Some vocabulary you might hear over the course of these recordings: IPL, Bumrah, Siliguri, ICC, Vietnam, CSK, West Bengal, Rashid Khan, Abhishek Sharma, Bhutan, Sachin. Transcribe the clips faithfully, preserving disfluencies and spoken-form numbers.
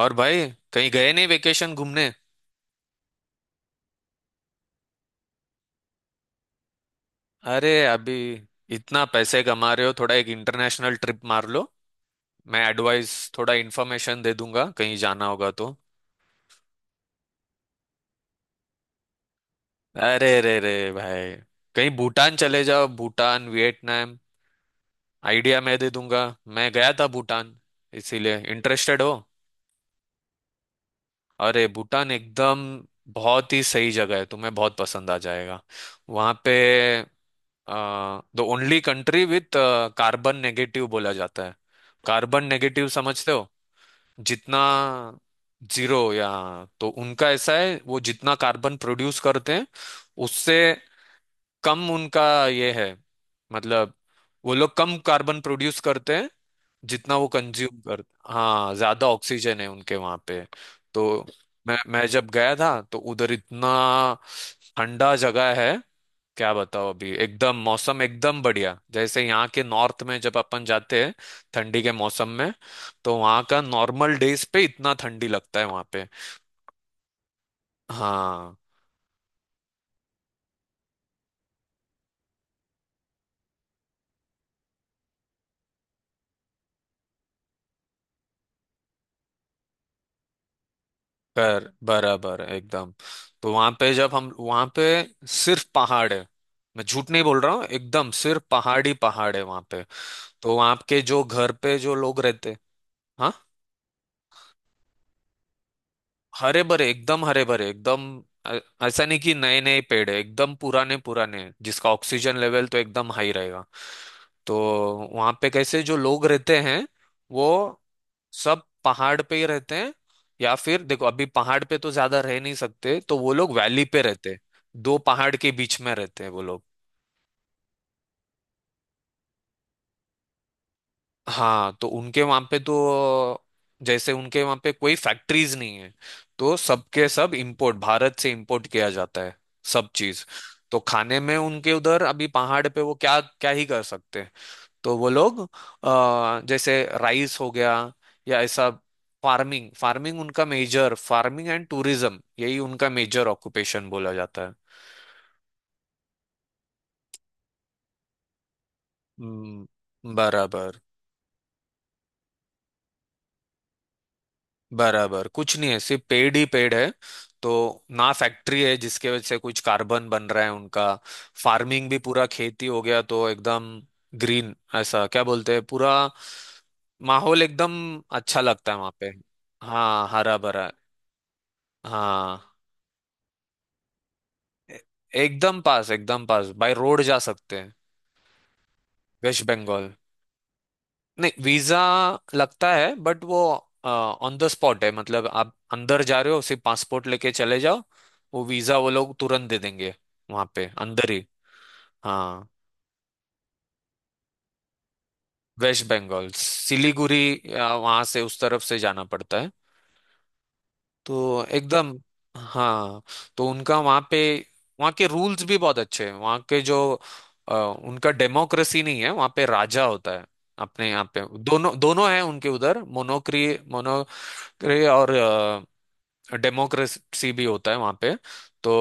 और भाई कहीं गए नहीं वेकेशन घूमने। अरे अभी इतना पैसे कमा रहे हो, थोड़ा एक इंटरनेशनल ट्रिप मार लो। मैं एडवाइस थोड़ा इन्फॉर्मेशन दे दूंगा कहीं जाना होगा तो। अरे रे रे भाई, कहीं भूटान चले जाओ, भूटान, वियतनाम। आइडिया मैं दे दूंगा। मैं गया था भूटान, इसीलिए इंटरेस्टेड हो। अरे भूटान एकदम बहुत ही सही जगह है, तुम्हें बहुत पसंद आ जाएगा वहाँ पे। The only country with carbon negative बोला जाता है। कार्बन नेगेटिव समझते हो। जितना जीरो या, तो उनका ऐसा है, वो जितना कार्बन प्रोड्यूस करते हैं उससे कम उनका, ये है, मतलब वो लोग कम कार्बन प्रोड्यूस करते हैं जितना वो कंज्यूम करते, हाँ ज्यादा ऑक्सीजन है उनके वहां पे। तो मैं मैं जब गया था तो उधर इतना ठंडा जगह है, क्या बताओ अभी एकदम मौसम एकदम बढ़िया, जैसे यहाँ के नॉर्थ में जब अपन जाते हैं ठंडी के मौसम में, तो वहाँ का नॉर्मल डेज पे इतना ठंडी लगता है वहाँ पे। हाँ, कर बराबर एकदम। तो वहां पे जब हम वहां पे सिर्फ पहाड़ है, मैं झूठ नहीं बोल रहा हूँ, एकदम सिर्फ पहाड़ी पहाड़ है वहां पे। तो वहां के जो घर पे जो लोग रहते, हाँ हरे भरे, एकदम हरे भरे एकदम। अ- ऐसा नहीं कि नए नए पेड़ है, एकदम पुराने पुराने हैं, जिसका ऑक्सीजन लेवल तो एकदम हाई रहेगा। तो वहां पे कैसे जो लोग रहते हैं, वो सब पहाड़ पे ही रहते हैं। या फिर देखो अभी पहाड़ पे तो ज्यादा रह नहीं सकते, तो वो लोग वैली पे रहते हैं। दो पहाड़ के बीच में रहते हैं वो लोग। हाँ तो उनके वहां पे तो, जैसे उनके वहां पे कोई फैक्ट्रीज नहीं है, तो सबके सब इंपोर्ट, भारत से इंपोर्ट किया जाता है सब चीज। तो खाने में उनके उधर अभी पहाड़ पे वो क्या क्या ही कर सकते हैं, तो वो लोग अ, जैसे राइस हो गया या ऐसा। फार्मिंग फार्मिंग उनका मेजर, फार्मिंग एंड टूरिज्म, यही उनका मेजर ऑक्यूपेशन बोला जाता है। हम्म, बराबर। बराबर कुछ नहीं है, सिर्फ पेड़ ही पेड़ है। तो ना फैक्ट्री है जिसके वजह से कुछ कार्बन बन रहा है उनका, फार्मिंग भी पूरा खेती हो गया तो एकदम ग्रीन, ऐसा क्या बोलते हैं, पूरा माहौल एकदम अच्छा लगता है वहां पे। हाँ हरा भरा। हाँ ए- एकदम पास, एकदम पास, बाय रोड जा सकते हैं। वेस्ट बंगाल। नहीं, वीजा लगता है, बट वो ऑन द स्पॉट है, मतलब आप अंदर जा रहे हो सिर्फ पासपोर्ट लेके चले जाओ, वो वीजा वो लोग तुरंत दे देंगे, वहां पे अंदर ही। हाँ। वेस्ट बंगाल सिलीगुड़ी, वहां से उस तरफ से जाना पड़ता है। तो एकदम। हाँ तो उनका वहाँ पे, वहाँ के रूल्स भी बहुत अच्छे हैं, वहाँ के जो अ, उनका डेमोक्रेसी नहीं है वहाँ पे, राजा होता है। अपने यहाँ पे दोनों दोनों है, उनके उधर मोनोक्री मोनोक्री और डेमोक्रेसी भी होता है वहाँ पे। तो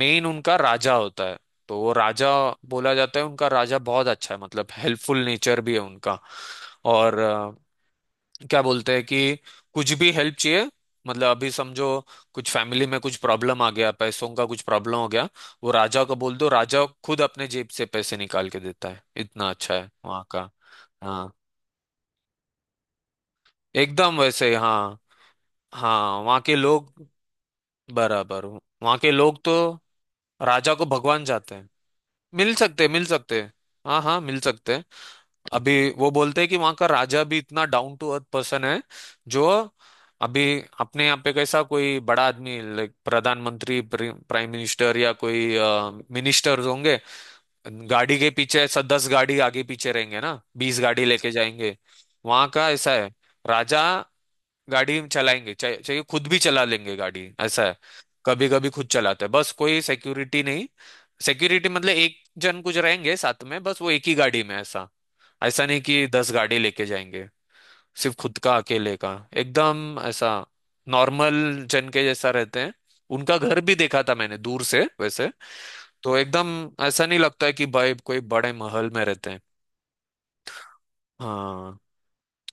मेन उनका राजा होता है, तो वो राजा, बोला जाता है उनका राजा बहुत अच्छा है, मतलब हेल्पफुल नेचर भी है उनका। और क्या बोलते हैं कि कुछ भी हेल्प चाहिए, मतलब अभी समझो कुछ फैमिली में कुछ प्रॉब्लम आ गया, पैसों का कुछ प्रॉब्लम हो गया, वो राजा को बोल दो, राजा खुद अपने जेब से पैसे निकाल के देता है, इतना अच्छा है वहाँ का। हाँ एकदम वैसे, हाँ। हाँ वहाँ के लोग, बराबर, वहाँ के लोग तो राजा को भगवान जाते हैं। मिल सकते, मिल सकते, हाँ हाँ मिल सकते। अभी वो बोलते हैं कि वहां का राजा भी इतना डाउन टू अर्थ पर्सन है जो, अभी अपने यहाँ पे कैसा कोई बड़ा आदमी, लाइक प्रधानमंत्री, प्राइम मिनिस्टर या कोई मिनिस्टर्स होंगे, गाड़ी के पीछे ऐसा दस गाड़ी आगे पीछे रहेंगे ना, बीस गाड़ी लेके जाएंगे। वहां का ऐसा है, राजा गाड़ी चलाएंगे, चाहे चाहे खुद भी चला लेंगे गाड़ी, ऐसा है। कभी कभी खुद चलाते हैं, बस कोई सिक्योरिटी नहीं, सिक्योरिटी मतलब एक जन कुछ रहेंगे साथ में, बस वो एक ही गाड़ी में ऐसा। ऐसा नहीं कि दस गाड़ी लेके जाएंगे, सिर्फ खुद का अकेले का, एकदम ऐसा नॉर्मल जन के जैसा रहते हैं। उनका घर भी देखा था मैंने दूर से, वैसे तो एकदम ऐसा नहीं लगता है कि भाई कोई बड़े महल में रहते हैं। हाँ।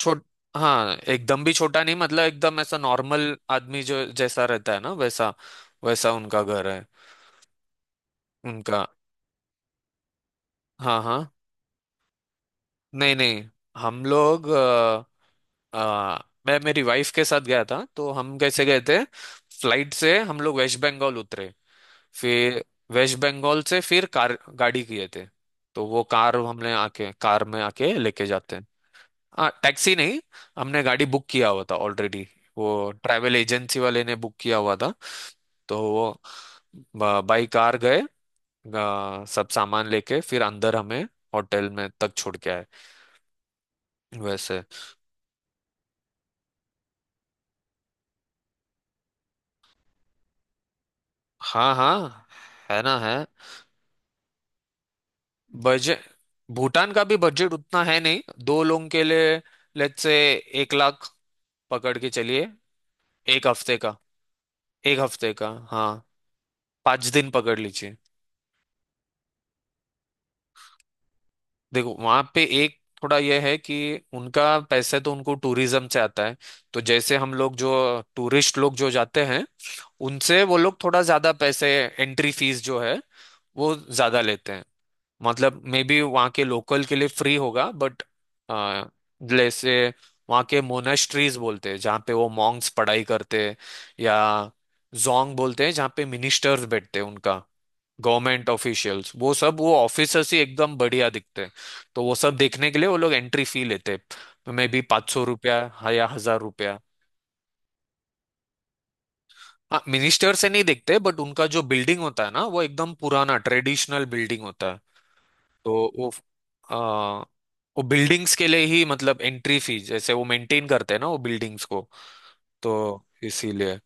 छोट हाँ एकदम भी छोटा नहीं, मतलब एकदम ऐसा नॉर्मल आदमी जो जैसा रहता है ना वैसा, वैसा उनका घर है उनका। हाँ हाँ। नहीं नहीं, हम लोग आ, मैं मेरी वाइफ के साथ गया था, तो हम कैसे गए थे, फ्लाइट से हम लोग वेस्ट बंगाल उतरे, फिर वेस्ट बंगाल से फिर कार, गाड़ी किए थे, तो वो कार, हमने आके कार में आके लेके जाते हैं। हाँ टैक्सी नहीं, हमने गाड़ी बुक किया हुआ था ऑलरेडी, वो ट्रैवल एजेंसी वाले ने बुक किया हुआ था। तो वो बाई कार गए, आ, सब सामान लेके फिर अंदर हमें होटल में तक छोड़ के आए वैसे। हाँ हाँ, है ना, है बजट। भूटान का भी बजट उतना है नहीं, दो लोगों के लिए लेट्स से एक लाख पकड़ के चलिए, एक हफ्ते का। एक हफ्ते का, हाँ पाँच दिन पकड़ लीजिए। देखो वहां पे एक थोड़ा यह है कि उनका पैसे तो उनको टूरिज्म से आता है, तो जैसे हम लोग जो टूरिस्ट लोग जो जाते हैं, उनसे वो लोग थोड़ा ज्यादा पैसे, एंट्री फीस जो है वो ज्यादा लेते हैं, मतलब मे बी वहाँ के लोकल के लिए फ्री होगा बट, जैसे वहाँ के मोनेस्ट्रीज बोलते हैं जहाँ पे वो मॉन्क्स पढ़ाई करते हैं, या जोंग बोलते हैं जहाँ पे मिनिस्टर्स बैठते हैं उनका, गवर्नमेंट ऑफिशियल्स, वो सब, वो ऑफिसर्स ही एकदम बढ़िया दिखते हैं। तो वो सब देखने के लिए वो लोग एंट्री फी लेते हैं, मे बी पाँच सौ रुपया, हाँ, या हजार रुपया। हाँ मिनिस्टर से नहीं देखते, बट उनका जो बिल्डिंग होता है ना, वो एकदम पुराना ट्रेडिशनल बिल्डिंग होता है। तो वो आ, वो बिल्डिंग्स के लिए ही, मतलब एंट्री फीस, जैसे वो मेंटेन करते हैं ना वो बिल्डिंग्स को, तो इसीलिए।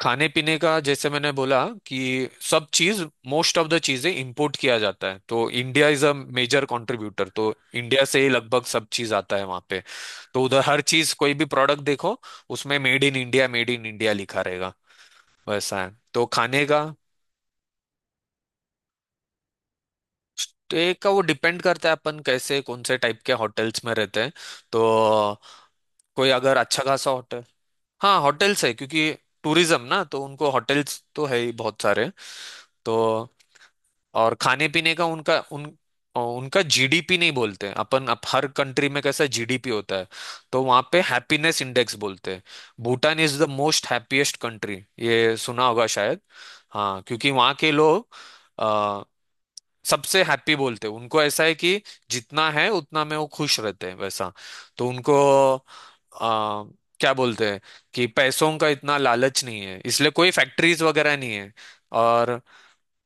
खाने पीने का जैसे मैंने बोला कि सब चीज, मोस्ट ऑफ द चीजें इंपोर्ट किया जाता है, तो India is a major contributor, तो इंडिया से ही लगभग सब चीज आता है वहां पे। तो उधर हर चीज, कोई भी प्रोडक्ट देखो, उसमें made in India, made in India लिखा रहेगा, वैसा है तो खाने का। तो एक का, वो डिपेंड करता है अपन कैसे कौन से टाइप के होटल्स में रहते हैं, तो कोई अगर अच्छा खासा होटल। हाँ होटल्स है, क्योंकि टूरिज्म ना तो उनको होटल्स तो है ही बहुत सारे। तो और खाने पीने का उनका उन, अ, उनका जीडीपी नहीं बोलते हैं अपन अप, हर कंट्री में कैसा जीडीपी होता है, तो वहाँ पे हैप्पीनेस इंडेक्स बोलते हैं। Bhutan is the most happiest country, ये सुना होगा शायद। हाँ क्योंकि वहाँ के लोग सबसे हैप्पी बोलते हैं, उनको ऐसा है कि जितना है उतना में वो खुश रहते हैं वैसा। तो उनको, आ, क्या बोलते हैं कि पैसों का इतना लालच नहीं है, इसलिए कोई फैक्ट्रीज वगैरह नहीं है। और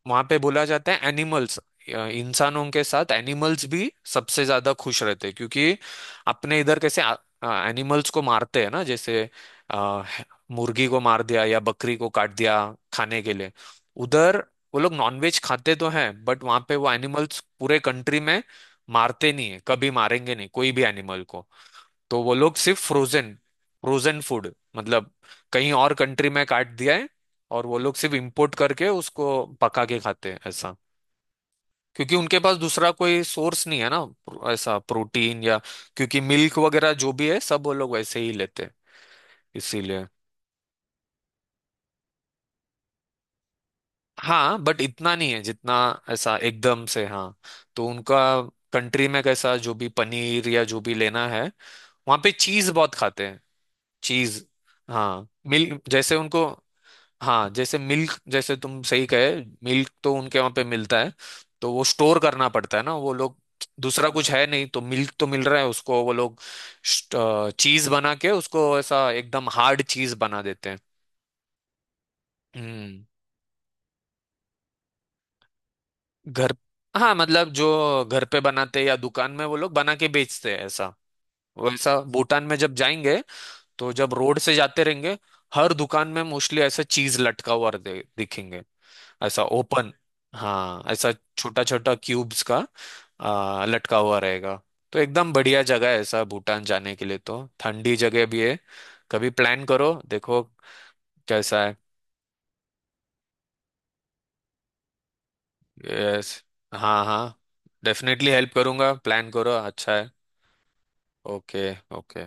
वहां पे बोला जाता है एनिमल्स, इंसानों के साथ एनिमल्स भी सबसे ज्यादा खुश रहते हैं, क्योंकि अपने इधर कैसे एनिमल्स को मारते हैं ना, जैसे आ, ह- मुर्गी को मार दिया या बकरी को काट दिया खाने के लिए। उधर वो लोग नॉनवेज खाते तो हैं, बट वहां पे वो एनिमल्स पूरे कंट्री में मारते नहीं है, कभी मारेंगे नहीं कोई भी एनिमल को। तो वो लोग सिर्फ फ्रोजन, फ्रोजन फूड, मतलब कहीं और कंट्री में काट दिया है, और वो लोग सिर्फ इंपोर्ट करके उसको पका के खाते हैं ऐसा। क्योंकि उनके पास दूसरा कोई सोर्स नहीं है ना, प्रो- ऐसा प्रोटीन या, क्योंकि मिल्क वगैरह जो भी है सब वो लोग वैसे ही लेते हैं, इसीलिए। हाँ बट इतना नहीं है, जितना ऐसा एकदम से, हाँ। तो उनका कंट्री में कैसा जो भी पनीर या जो भी लेना है, वहाँ पे चीज बहुत खाते हैं, चीज। हाँ मिल, जैसे उनको, हाँ जैसे मिल्क, जैसे तुम सही कहे, मिल्क तो उनके वहां पे मिलता है, तो वो स्टोर करना पड़ता है ना वो लोग, दूसरा कुछ है नहीं तो मिल्क तो मिल रहा है उसको, वो लोग चीज बना के उसको ऐसा एकदम हार्ड चीज बना देते हैं। हम्म। घर, हाँ मतलब जो घर पे बनाते हैं या दुकान में वो लोग बना के बेचते हैं ऐसा। वैसा भूटान में जब जाएंगे, तो जब रोड से जाते रहेंगे, हर दुकान में मोस्टली ऐसा चीज लटका हुआ दे- दिखेंगे, ऐसा ओपन। हाँ ऐसा छोटा छोटा क्यूब्स का आ, लटका हुआ रहेगा। तो एकदम बढ़िया जगह है ऐसा, भूटान जाने के लिए, तो ठंडी जगह भी है। कभी प्लान करो, देखो कैसा है। यस, हाँ हाँ, डेफिनेटली हेल्प करूंगा, प्लान करो, अच्छा है। ओके। ओके।